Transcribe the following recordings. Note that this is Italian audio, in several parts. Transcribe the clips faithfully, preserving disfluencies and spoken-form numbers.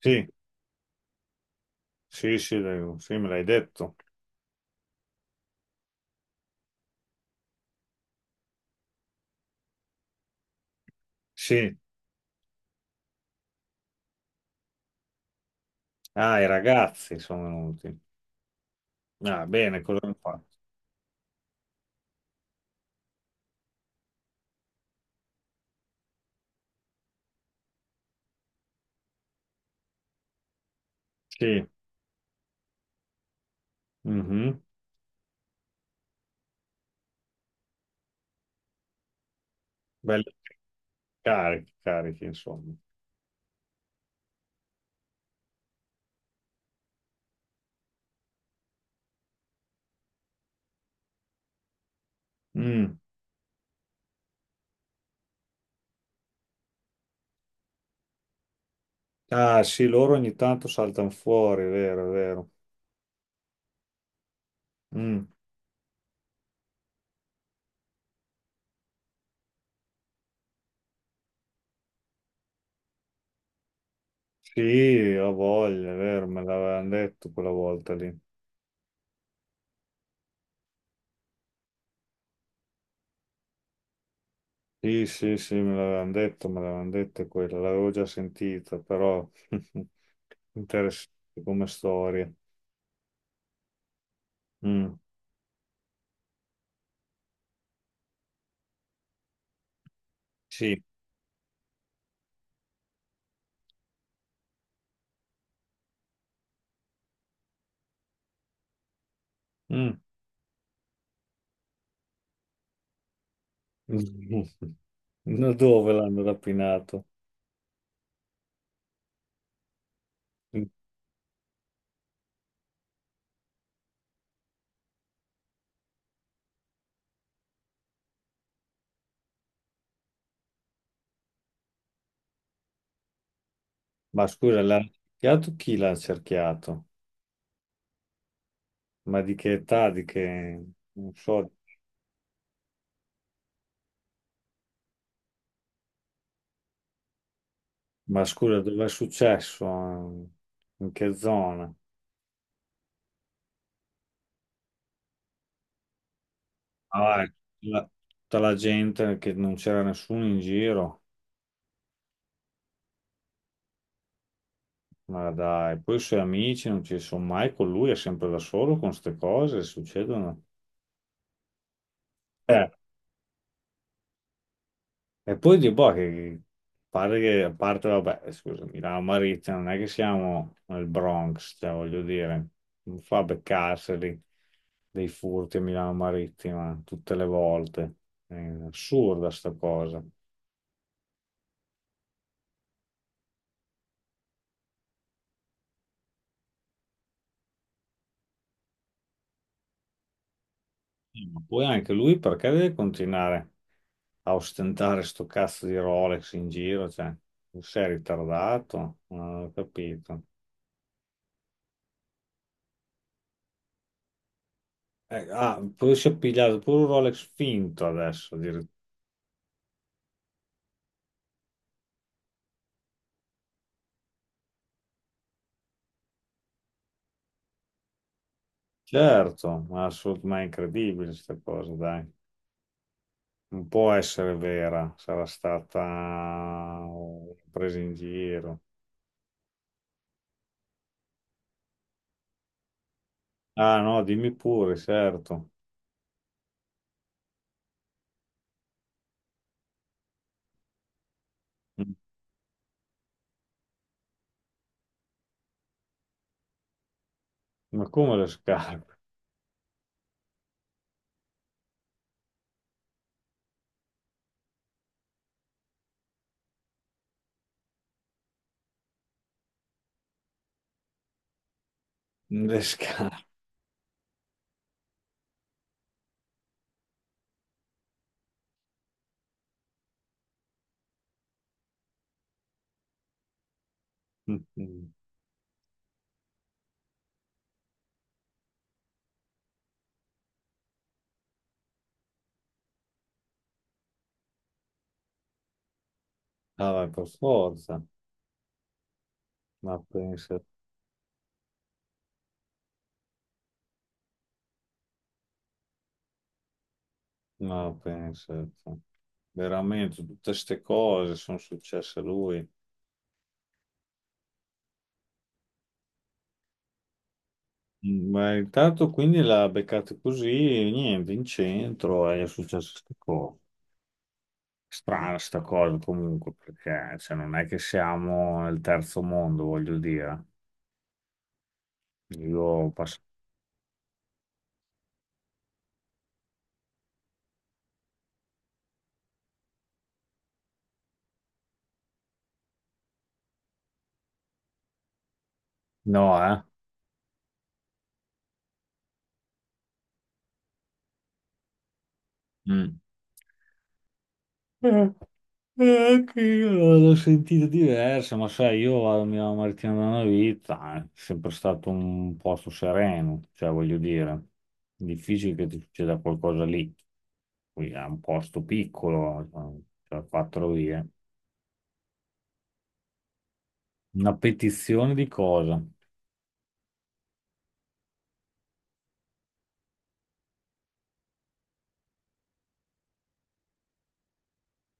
Sì, sì, sì, dai, sì, me l'hai detto. Sì, ah, i ragazzi sono venuti. Ah, bene, cosa hanno fatto? Sì, mhm. Belli carichi, carichi, insomma. Mm. Ah, sì, loro ogni tanto saltano fuori, è vero, è vero. Mm. Sì, ho voglia, è vero, me l'avevano detto quella volta lì. Sì, sì, sì, me l'avevano detto, me l'avevano detto quella, l'avevo già sentita, però interessante come storia. Mm. Sì. Mm. No, dove l'hanno rapinato? Ma scusa, l'ha cerchiato chi l'ha cerchiato? Ma di che età? Di che... Non so. Ma scusa, dove è successo? In che zona? Ah, ecco, la- tutta la gente che non c'era nessuno in giro. Ma dai, poi i suoi amici non ci sono mai con lui, è sempre da solo con queste cose, succedono. Eh, E poi di boh, che pare che, a parte, vabbè, scusami, la Maritza non è che siamo nel Bronx, cioè, voglio dire, non fa beccarseli dei furti a Milano Marittima tutte le volte. È assurda sta cosa. Eh, Ma poi anche lui perché deve continuare a ostentare sto cazzo di Rolex in giro? Cioè, non sei ritardato? Non ho capito. Eh, ah, poi si è pigliato pure un Rolex finto adesso. Certo, ma, assolut- ma è incredibile questa cosa, dai. Non può essere vera, sarà stata una presa in giro. Ah no, dimmi pure, certo. Mm. Ma come le scarpe? Le scarpe. Mm. Ah, vai, per forza. Ma pensa, ma pensa. Te. Veramente, tutte queste cose sono successe a lui. Mm, ma intanto quindi l'ha beccato così, niente, in centro e è successo queste cose. Strana sta cosa comunque, perché cioè, non è che siamo nel terzo mondo, voglio dire. Io passo... No, eh? Mm. Eh, eh, anche io l'ho sentita diversa, ma sai, io vado a Milano Martina da una vita, è sempre stato un posto sereno, cioè voglio dire, difficile che ti succeda qualcosa lì. Qui è un posto piccolo, cioè quattro vie. Una petizione di cosa?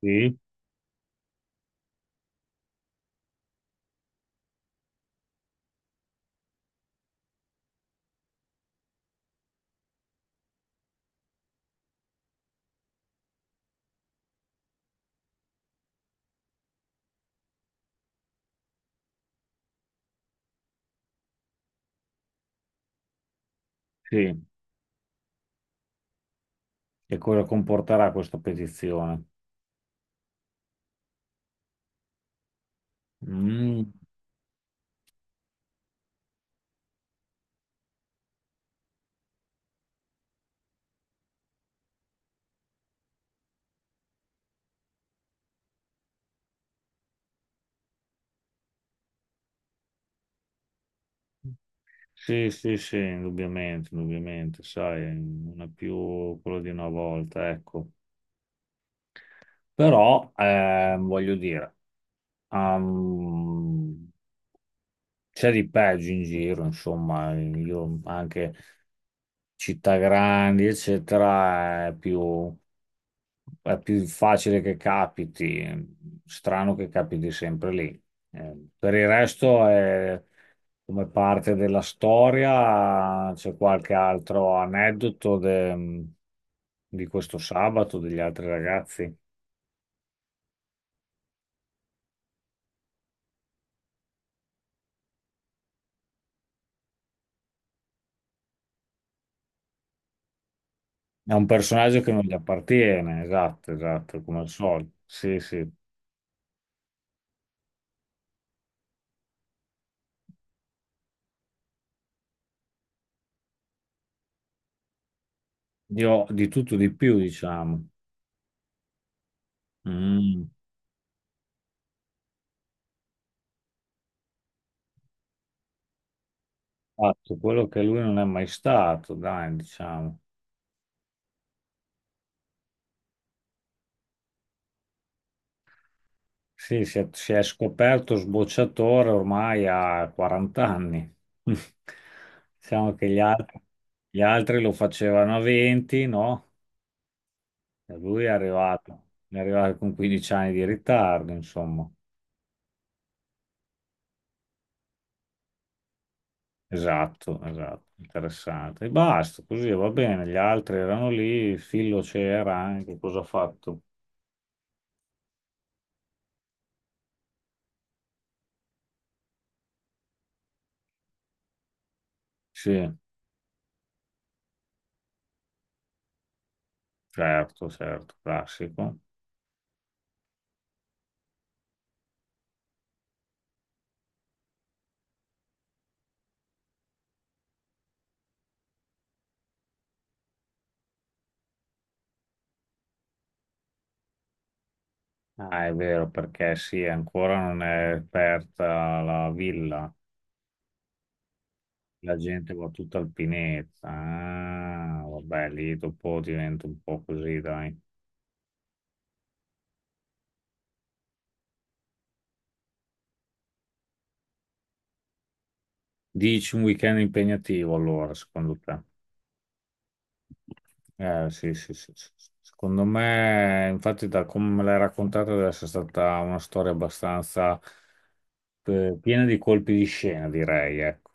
Sì, sì. E cosa comporterà questa petizione? Mm, sì, sì, sì, indubbiamente, indubbiamente, sai, non è più quello di una volta, ecco. Però, eh, voglio dire, ehm, c'è di peggio in giro, insomma, io anche città grandi, eccetera, è più è più facile che capiti, eh, strano che capiti sempre lì. Eh, per il resto è come parte della storia, c'è qualche altro aneddoto de- di questo sabato, degli altri ragazzi. È un personaggio che non gli appartiene, esatto, esatto, come al solito. Sì, sì. Io di tutto di più, diciamo. Mm. Fatto quello che lui non è mai stato, dai, diciamo. Sì, si è, si è scoperto sbocciatore ormai a quaranta anni. Diciamo che gli altri, gli altri lo facevano a venti, no? E lui è arrivato, è arrivato con quindici anni di ritardo, insomma. Esatto, esatto, interessante. E basta, così va bene. Gli altri erano lì, il Fillo c'era anche, cosa ha fatto? Sì, certo, certo, classico. Ah, è vero, perché sì, ancora non è aperta la villa. La gente va tutta alpinetta. Ah, vabbè, lì dopo diventa un po' così, dai. Dici un weekend impegnativo allora, secondo te? Eh, sì, sì, sì, sì, sì. Secondo me, infatti, da come me l'hai raccontata, deve essere stata una storia abbastanza eh, piena di colpi di scena, direi, ecco.